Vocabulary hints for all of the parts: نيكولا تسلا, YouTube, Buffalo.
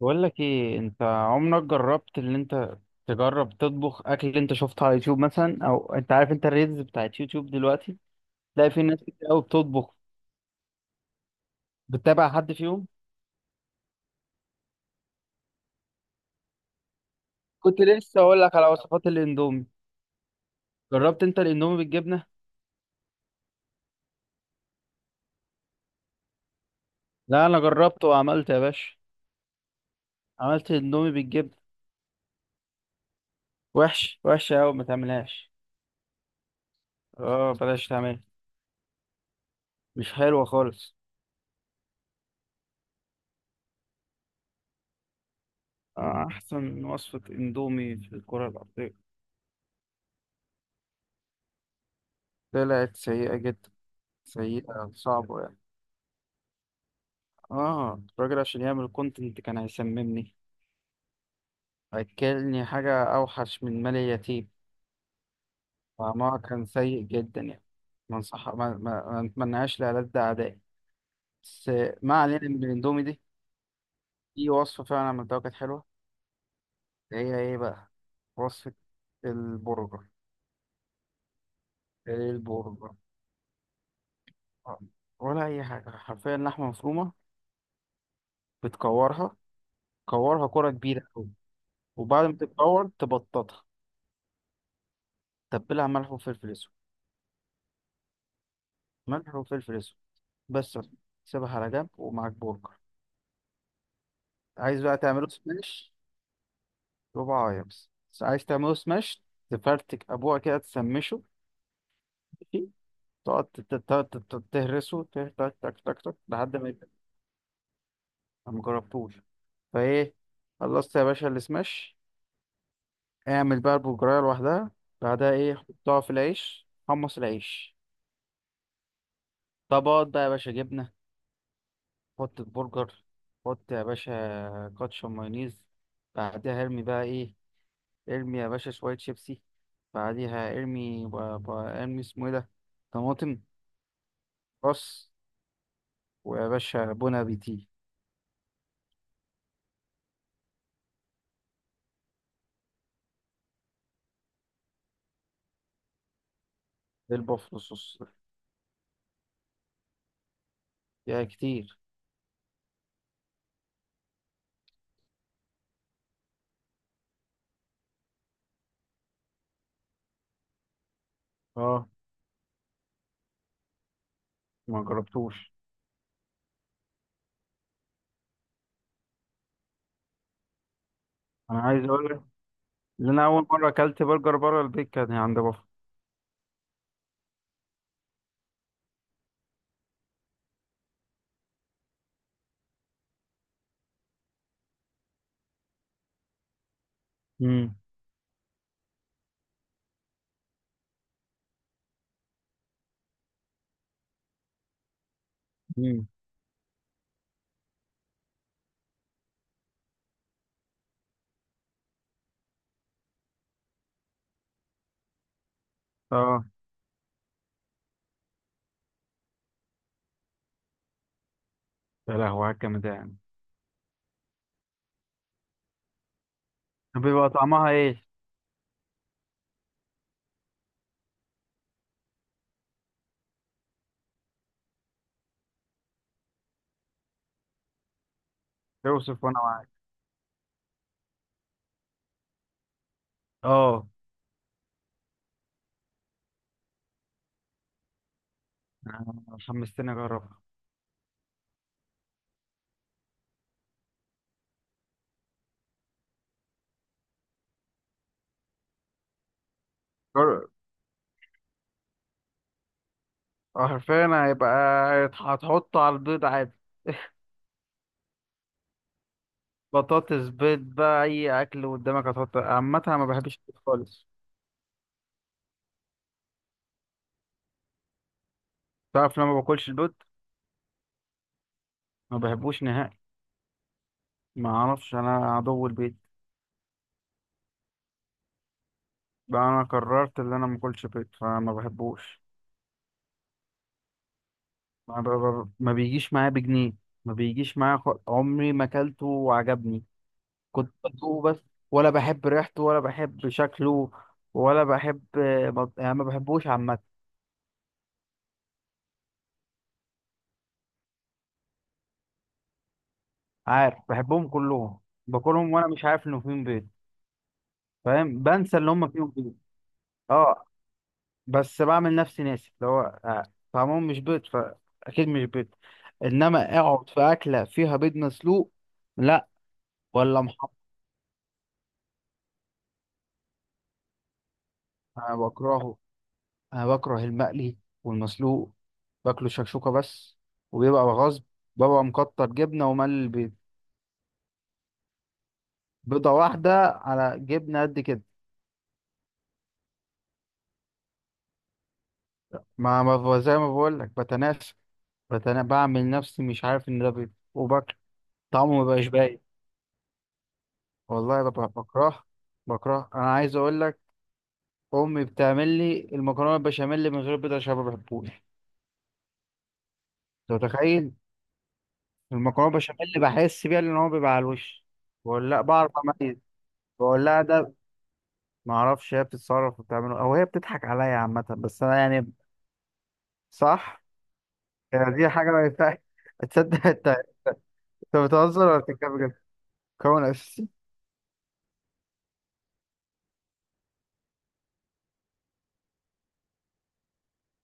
بقول لك ايه، انت عمرك جربت ان انت تجرب تطبخ اكل اللي انت شفته على يوتيوب مثلا؟ او انت عارف انت الريلز بتاعت يوتيوب دلوقتي تلاقي في ناس كتير قوي بتطبخ. بتتابع حد فيهم؟ كنت لسه اقول لك على وصفات الاندومي. جربت انت الاندومي بالجبنه؟ لا انا جربته وعملت يا باشا. عملت الاندومي بالجبنه. وحش وحش قوي، ما تعملهاش. اه بلاش تعمل. مش حلوه خالص. احسن وصفه اندومي في الكره الارضيه. طلعت سيئه جدا. سيئه صعبه. اه الراجل عشان يعمل كونتنت كان هيسممني. اكلني حاجة اوحش من مال اليتيم. طعمها كان سيء جدا يعني. ما انصح، ما نتمناهاش لألد اعدائي بس. ما علينا من الاندومي دي. في وصفة فعلا عملتها كانت حلوة. هي ايه بقى؟ وصفة البرجر. ايه البرجر؟ آه، ولا اي حاجة، حرفيا لحمة مفرومة بتكورها. كورها كرة كبيرة أوي، وبعد ما تتكور تبططها. تبلها ملح وفلفل اسود. ملح وفلفل اسود بس. سيبها على جنب، ومعاك برجر عايز بقى تعمله سماش. ربع عايز. عايز تعمله سماش، تفرتك ابوها كده تسمشه، ماشي؟ تقعد تهرسه، تك تك تك تك تك لحد ما يبقى. أنا مجربتوش. فايه، خلصت يا باشا السماش. اعمل بقى البرجرايه لوحدها. بعدها ايه؟ حطها في العيش، حمص العيش طبقات بقى يا باشا. جبنه، حط البرجر، حط يا باشا كاتشب مايونيز. بعدها ارمي بقى ايه؟ ارمي يا باشا شوية شيبسي. بعديها ارمي ارمي اسمه ايه ده، طماطم. بص، ويا باشا بون ابيتي. بالبوفلو صوص ده. يا كتير. اه ما جربتوش. انا عايز اقول لك ان انا اول مره اكلت برجر بره البيت كان عند بافلو. امم. امم. اه. يا لهوي على الجامد ده يعني. طب بيبقى طعمها ايه؟ اوصف وانا معاك. اه. أنا حمستني اجربها. جر- حرفيا هيبقى. هتحط على البيض عادي؟ بطاطس، بيض بقى، اي اكل قدامك هتحط. عامه انا ما بحبش البيض خالص. تعرف لما ما باكلش البيض، ما بحبوش نهائي. ما اعرفش، انا عدو البيض. بقى انا قررت ان انا ما اكلش بيض، فما بحبوش. ما, ب... ب... ما بيجيش معايا بجنيه. ما بيجيش معايا. عمري ما اكلته وعجبني. كنت بدوقه بس. ولا بحب ريحته، ولا بحب شكله، ولا بحب. يعني ما بحبوش عامه. عارف بحبهم كلهم؟ باكلهم وانا مش عارف انه فيهم بيض. فاهم؟ بنسى اللي هم فيهم بيض. اه بس بعمل نفسي ناسي اللي هو. آه، طعمهم مش بيض فأكيد مش بيض. إنما أقعد في أكلة فيها بيض مسلوق، لا. ولا محمر. أنا بكرهه. أنا بكره المقلي والمسلوق. باكله شكشوكة بس، وبيبقى غصب. ببقى مكتر جبنة وملي البيض، بيضة واحدة على جبنة قد كده. ما ما ب- زي ما بقول لك بتناسى. بعمل نفسي مش عارف إن ده بيض وباكله. طعمه ما بقاش باين. والله ببقى بكره. بكره. أنا عايز أقول لك، امي بتعمل لي المكرونه البشاميل من غير بيض عشان ما بحبوش. انت متخيل؟ المكرونه البشاميل بحس بيها لان هو بيبقى على الوش. بقول لا، بعرف اميز. بقول لها ده. ما اعرفش هي بتتصرف وبتعمله، او هي بتضحك عليا. عامه بس انا يعني. صح. يعني دي حاجه ما ينفعش. تصدق انت؟ انت بتهزر ولا بتتكلم بجد؟ كون اساسي.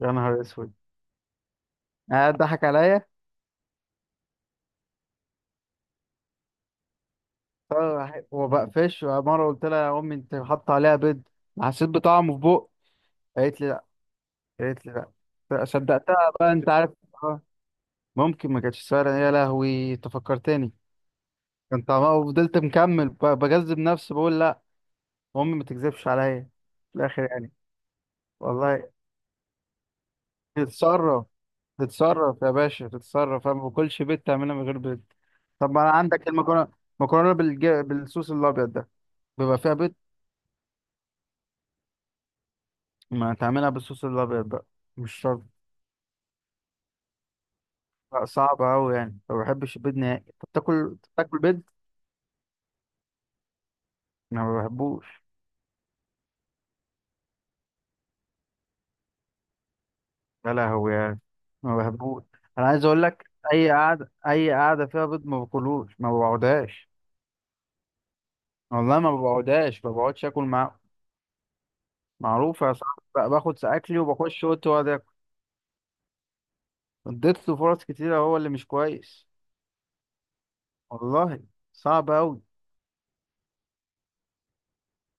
يا نهار اسود. قاعد ضحك عليا. وبقفش مره قلت لها، يا امي انت حاطه عليها بيض؟ حسيت بطعمه في بق. قالت لي، قالت لي لا. صدقتها بقى، انت عارف. اه ممكن ما كانتش سهله. يا لهوي انت فكرتني. كان طعمها، وفضلت مكمل بجذب نفسي بقول لا. امي ما تكذبش عليا في الاخر يعني. والله. تتصرف. تتصرف يا باشا تتصرف. انا ما باكلش بيض، تعملها من غير بيض. طب ما انا عندك المكرونه، مكرونه بالصوص الابيض ده بيبقى فيها بيض. ما تعملها بالصوص الابيض بقى، مش شرط. لا صعب قوي يعني، ما بحبش البيض نهائي. انت بتاكل بتاكل بيض؟ انا ما بحبوش. يا لهوي يعني. ما بحبوش. انا عايز اقول لك، اي قعده، اي قعده فيها بيض ما باكلوش، ما بقعدهاش. والله ما بقعدهاش، ما بقعدش اكل معاه. معروف يا صاحبي بقى، باخد ساعتلي وبخش اوضتي واقعد اكل. اديت له فرص كتيره، هو اللي مش كويس. والله صعب قوي.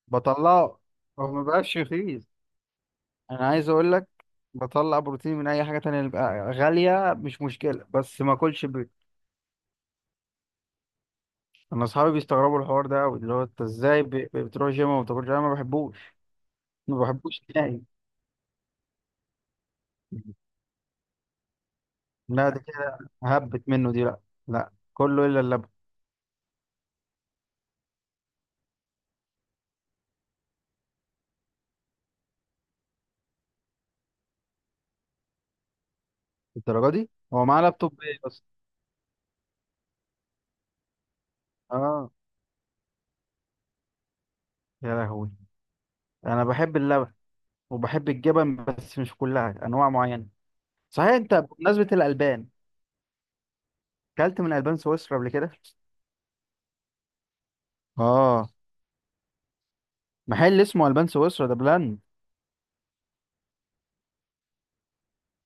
بطلعه. هو ما بقاش رخيص. انا عايز اقول لك، بطلع بروتين من اي حاجه تانية، اللي بقى غاليه مش مشكله بس ما اكلش بيض. انا اصحابي بيستغربوا الحوار ده قوي، اللي هو انت ازاي بتروح جيم وما بتاكلش؟ انا ما بحبوش. ما بحبوش نهائي. لا ده كده هبت منه دي. لا، لا، كله الا اللبن. الدرجه دي؟ هو معاه لابتوب ايه بس؟ اه. يا لهوي. انا بحب اللبن وبحب الجبن، بس مش كلها، انواع معينه. صحيح، انت بمناسبه الالبان، اكلت من البان سويسرا قبل كده؟ اه. محل اسمه البان سويسرا، ده بلاند.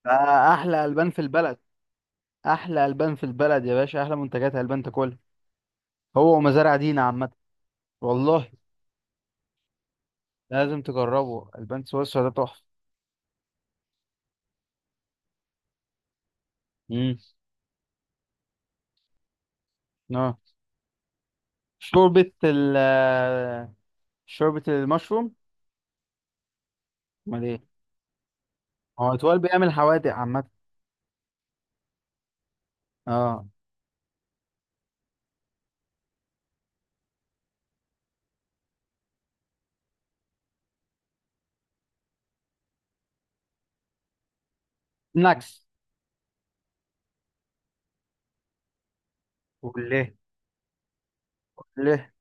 ده احلى البان في البلد. احلى البان في البلد يا باشا، احلى منتجات البان تاكلها. هو ومزارع دينا عامه. والله لازم تجربه، البان سويسرا ده تحفه. امم. شوربة ال، شوربة المشروم. امال ايه؟ هو اتوال بيعمل حوادق عامة؟ اه. نكس. وليه؟ ليه؟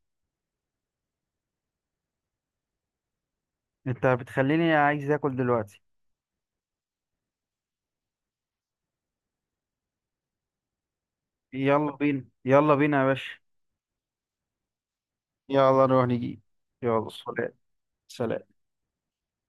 انت بتخليني عايز اكل دلوقتي. يلا بينا، يلا بينا يا باشا. يلا نروح نجيب. يلا سلام. سلام.